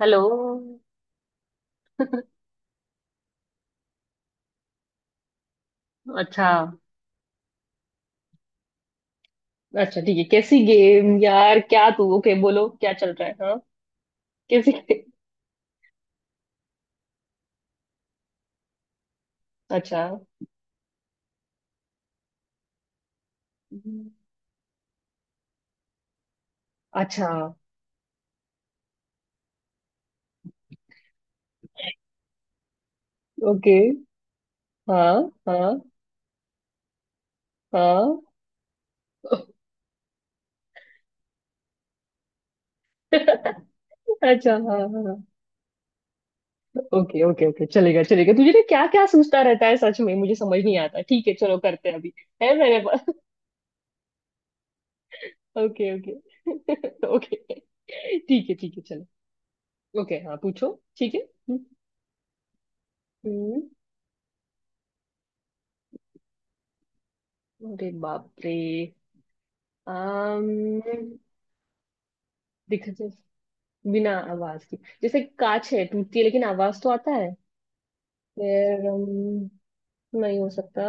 Hello. अच्छा। अच्छा ठीक है। कैसी गेम यार? क्या तू, ओके, बोलो क्या चल रहा है? हाँ। कैसी game? अच्छा। अच्छा। ओके। हाँ हाँ हाँ। अच्छा हाँ हाँ। ओके ओके ओके, चलेगा चलेगा। तुझे ना क्या क्या सोचता रहता है सच में, मुझे समझ नहीं आता। ठीक है, चलो करते हैं अभी। है मेरे पास। Okay okay okay. ठीक है ठीक है, चलो। ओके, हाँ पूछो। ठीक है। हम्म, अरे बाप रे। अम्म दिख बिना आवाज की। जैसे कांच है, टूटती है लेकिन आवाज तो आता है। फिर नहीं हो सकता।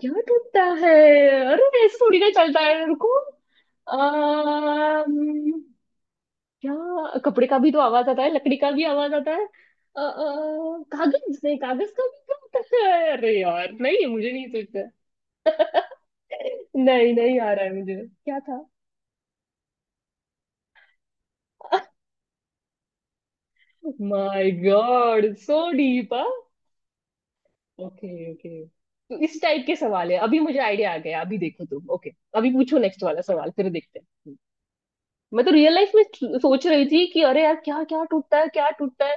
क्या टूटता है? अरे ऐसे थोड़ी ना चलता है, रुको। अम्म, क्या, कपड़े का भी तो आवाज आता है, लकड़ी का भी आवाज आता है। अ, अ, कागज नहीं, कागज का भी क्या होता है? अरे यार नहीं, मुझे नहीं सोचता। नहीं नहीं आ रहा है मुझे। क्या था? My god, so deep. Okay okay. तो इस टाइप के सवाल है। अभी मुझे आइडिया आ गया, अभी देखो तुम, ओके। अभी पूछो नेक्स्ट वाला सवाल, फिर देखते हैं। हम्म। मैं तो रियल लाइफ में सोच रही थी कि अरे यार क्या क्या टूटता है, क्या टूटता है।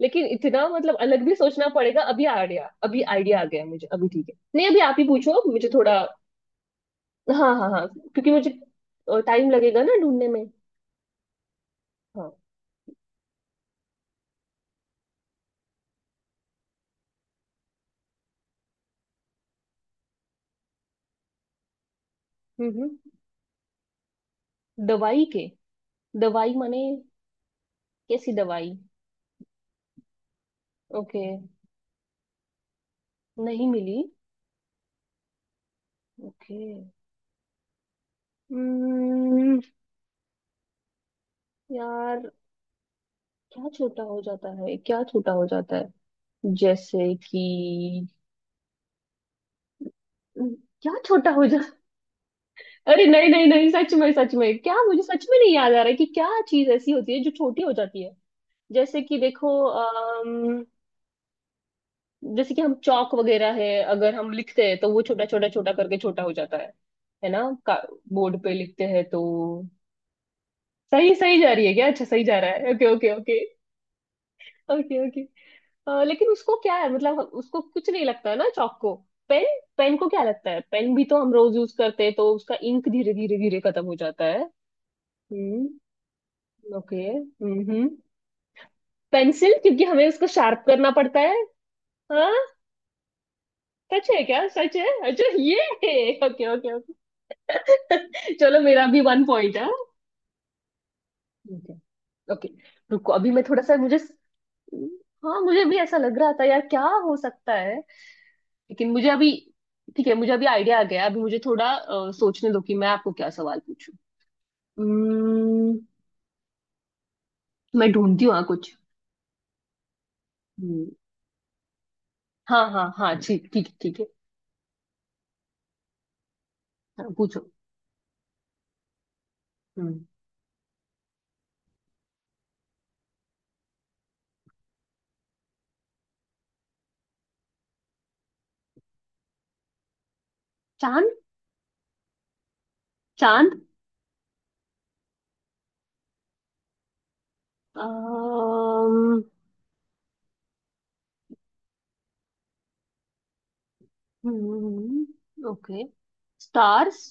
लेकिन इतना मतलब अलग भी सोचना पड़ेगा। अभी आइडिया, अभी आइडिया आ गया मुझे अभी। ठीक है, नहीं अभी आप ही पूछो मुझे थोड़ा। हाँ हाँ हाँ, क्योंकि मुझे टाइम लगेगा ना ढूंढने में। हाँ। हम्म। दवाई के। दवाई माने? कैसी दवाई? ओके। नहीं मिली। ओके। हम्म। यार। क्या छोटा हो जाता है, क्या छोटा हो जाता है? जैसे कि। क्या छोटा हो जा अरे नहीं नहीं नहीं, सच में सच में क्या, मुझे सच में नहीं याद आ रहा है कि क्या चीज ऐसी होती है जो छोटी हो जाती है। जैसे कि देखो जैसे कि हम चौक वगैरह है, अगर हम लिखते हैं तो वो छोटा छोटा छोटा करके छोटा हो जाता है। है ना। बोर्ड पे लिखते हैं तो। सही सही जा रही है क्या? अच्छा, सही जा रहा है। Okay okay okay. Okay okay. लेकिन उसको क्या है, मतलब उसको कुछ नहीं लगता है ना चौक को। पेन। पेन को क्या लगता है? पेन भी तो हम रोज यूज करते हैं तो उसका इंक धीरे धीरे धीरे खत्म हो जाता है। हम्म। ओके हम्म। पेंसिल, क्योंकि हमें उसको शार्प करना पड़ता है। हाँ। सच है क्या? सच है। अच्छा ये है। Okay okay okay. चलो मेरा भी वन पॉइंट है। ठीक है। ओके। रुको अभी मैं थोड़ा सा, मुझे। हाँ, मुझे भी ऐसा लग रहा था यार, क्या हो सकता है। लेकिन मुझे अभी, ठीक है, मुझे अभी आइडिया आ गया। अभी मुझे थोड़ा सोचने दो कि मैं आपको क्या सवाल पूछूं। हम्म, मैं ढूंढती हूँ, हाँ कुछ। हम्म, हाँ हाँ हाँ, ठीक ठीक है, ठीक है। हाँ, पूछो। हम्म, चांद। चांद। अम्म, okay. Stars.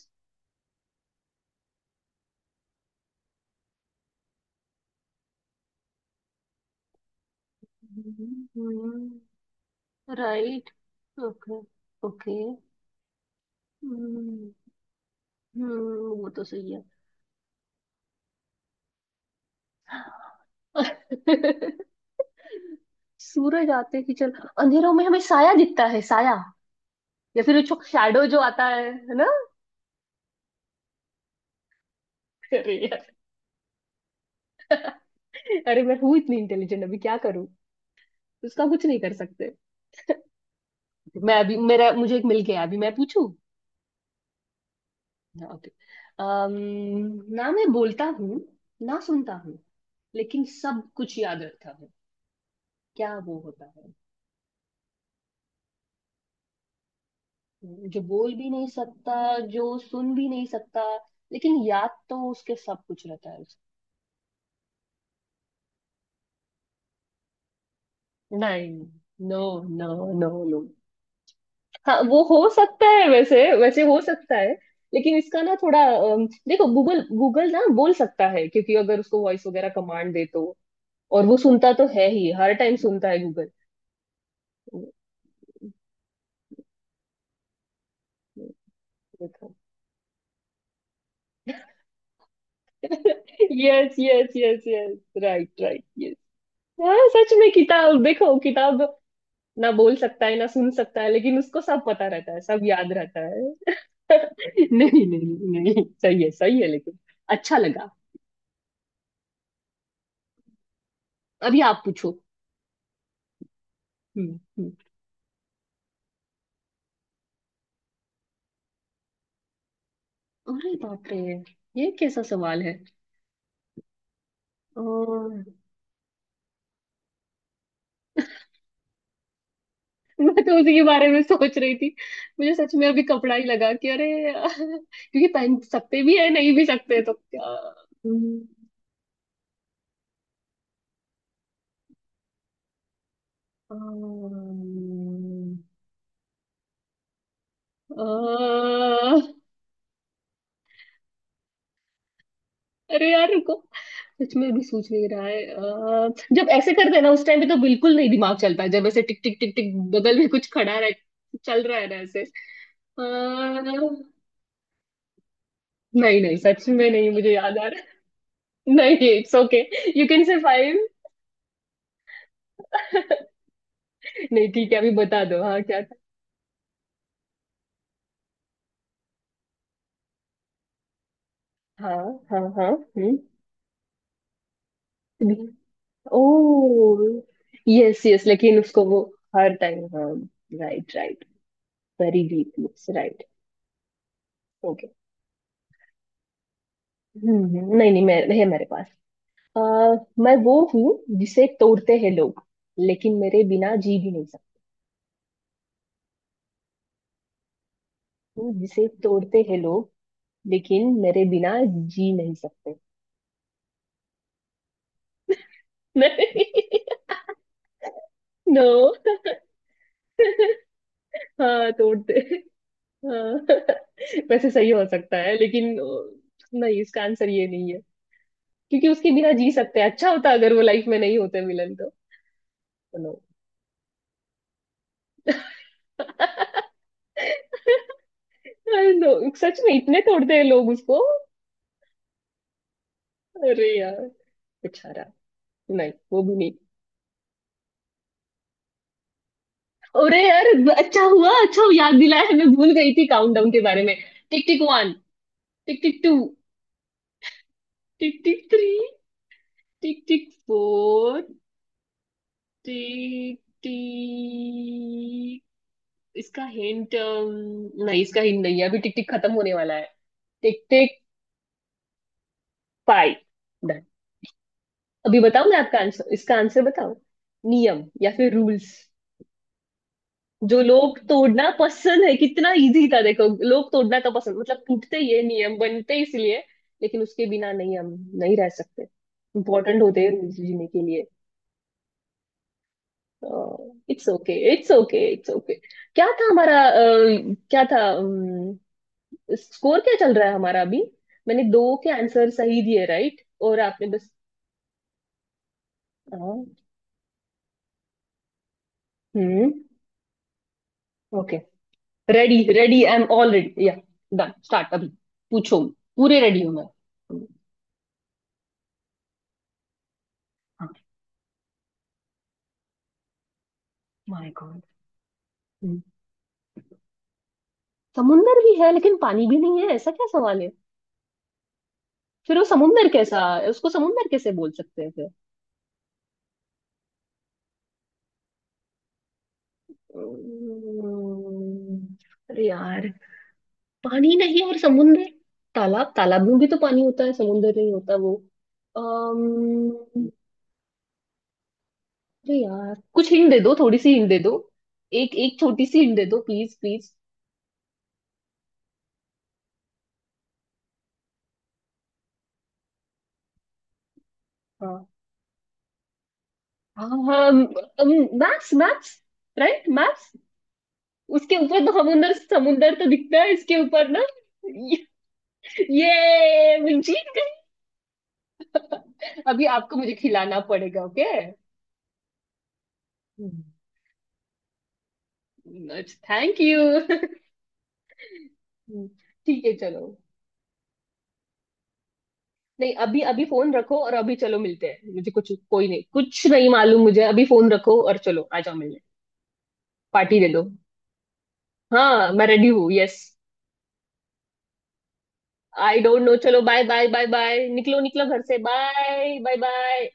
Right. Okay okay. हम्म, वो तो सही है। सूरज आते ही चल अंधेरों में हमें साया दिखता है, साया। या फिर जो शैडो जो आता है ना। अरे यार। अरे, मैं हूँ इतनी इंटेलिजेंट, अभी क्या करूँ। उसका कुछ नहीं कर सकते। मैं अभी, मेरा, मुझे एक मिल गया, अभी मैं पूछूं। हाँ, okay. ना मैं बोलता हूँ, ना सुनता हूँ, लेकिन सब कुछ याद रखता हूँ। क्या वो होता है? जो बोल भी नहीं सकता, जो सुन भी नहीं सकता, लेकिन याद तो उसके सब कुछ रहता है। नहीं। नो। नो। No no. हाँ, वो हो सकता है, वैसे वैसे हो सकता है। लेकिन इसका ना थोड़ा। देखो गूगल, गूगल ना बोल सकता है क्योंकि अगर उसको वॉइस वगैरह कमांड दे तो। और वो सुनता तो है ही, हर टाइम सुनता है गूगल। देखो। Yes yes yes yes, right right, yes. हाँ सच में किताब, देखो किताब, ना बोल सकता है ना सुन सकता है, लेकिन उसको सब पता रहता है, सब याद रहता है। नहीं नहीं नहीं, सही है सही है लेकिन। अच्छा लगा। अभी आप पूछो। हम्म। हम्म। अरे बाप रे। ये कैसा सवाल है? अ, मैं तो उसी के बारे में सोच रही थी। मुझे सच में अभी कपड़ा ही लगा कि अरे। क्योंकि पहन सकते भी है, नहीं भी सकते तो क्या। हम्म, अम्म, अ, अरे यार रुको। सच में अभी सोच नहीं रहा है, जब ऐसे करते हैं ना उस टाइम पे तो बिल्कुल नहीं दिमाग चलता है, जब ऐसे टिक टिक टिक टिक बगल में कुछ खड़ा रह। चल रहा है ना ऐसे नहीं नहीं, सच में नहीं मुझे याद आ रहा। नहीं it's okay. You can survive. नहीं ठीक है, अभी बता दो, हाँ क्या था? हाँ हाँ हाँ। हम्म। ओ। यस यस, लेकिन उसको वो, हर टाइम हाँ। Right right. Very deep looks right. Okay. नहीं नहीं मैं, है मेरे पास। आ, मैं वो हूँ जिसे तोड़ते हैं लोग, लेकिन मेरे बिना जी भी नहीं सकते। हूँ जिसे तोड़ते हैं लोग, लेकिन मेरे बिना जी नहीं सकते। नहीं। नो। हाँ तोड़ते। हाँ, वैसे सही हो सकता है, लेकिन नहीं, इसका आंसर ये नहीं है। क्योंकि उसके बिना जी सकते हैं, अच्छा होता अगर वो लाइफ में नहीं होते मिलन तो। नो। नो। सच में इतने तोड़ते हैं लोग उसको। अरे यार। बेचारा। नहीं वो भी नहीं। अरे यार। अच्छा हुआ, अच्छा हुआ, याद दिलाया, मैं भूल गई थी काउंटडाउन के बारे में। Tick tick one. Tick tick two. Tick tick three. Tick tick four. Tick tick. इसका हिंट नहीं, इसका हिंट नहीं है, अभी टिक टिक खत्म होने वाला है। टिक टिक। पाई। डन। अभी बताओ, मैं आपका आंसर, इसका आंसर बताओ। नियम या फिर रूल्स। जो लोग तोड़ना पसंद है, कितना इजी था देखो, लोग तोड़ना तो पसंद, मतलब टूटते ही है नियम, बनते ही इसलिए। लेकिन उसके बिना नहीं हम, नहीं रह सकते। इम्पोर्टेंट होते हैं रूल्स जीने के लिए। It's okay it's okay it's okay. क्या था हमारा क्या था स्कोर क्या चल रहा है हमारा अभी? मैंने दो के आंसर सही दिए राइट, और आपने बस। हाँ। हम्म। Okay. Ready ready, I am all ready या। डन स्टार्ट अभी। पूछो। पूरे रेडी हूँ मैं। My god. समुंदर भी है लेकिन पानी भी नहीं है, ऐसा क्या सवाल है? फिर वो समुंदर कैसा? उसको समुंदर कैसे बोल सकते हैं फिर? हम्म, अरे यार। पानी नहीं और समुंदर। तालाब, तालाब में भी तो पानी होता है, समुंदर नहीं होता वो। अरे यार कुछ हिंट दे दो, थोड़ी सी हिंट दे दो। एक एक छोटी सी हिंट दे दो, प्लीज प्लीज। हाँ हाँ हाँ, मैप्स मैप्स। Right maps. उसके ऊपर तो समुंदर, समुंदर तो दिखता है इसके ऊपर ना। ये। मैं जीत गई। अभी आपको मुझे खिलाना पड़ेगा, ओके। थैंक यू ठीक है चलो। नहीं अभी अभी फोन रखो, और अभी चलो मिलते हैं, मुझे कुछ, कोई नहीं, कुछ नहीं मालूम, मुझे अभी फोन रखो और चलो आ जाओ मिलने। पार्टी दे दो। हाँ मैं रेडी हूँ, यस। आई डोंट नो, चलो बाय बाय बाय बाय, निकलो निकलो घर से, बाय बाय बाय।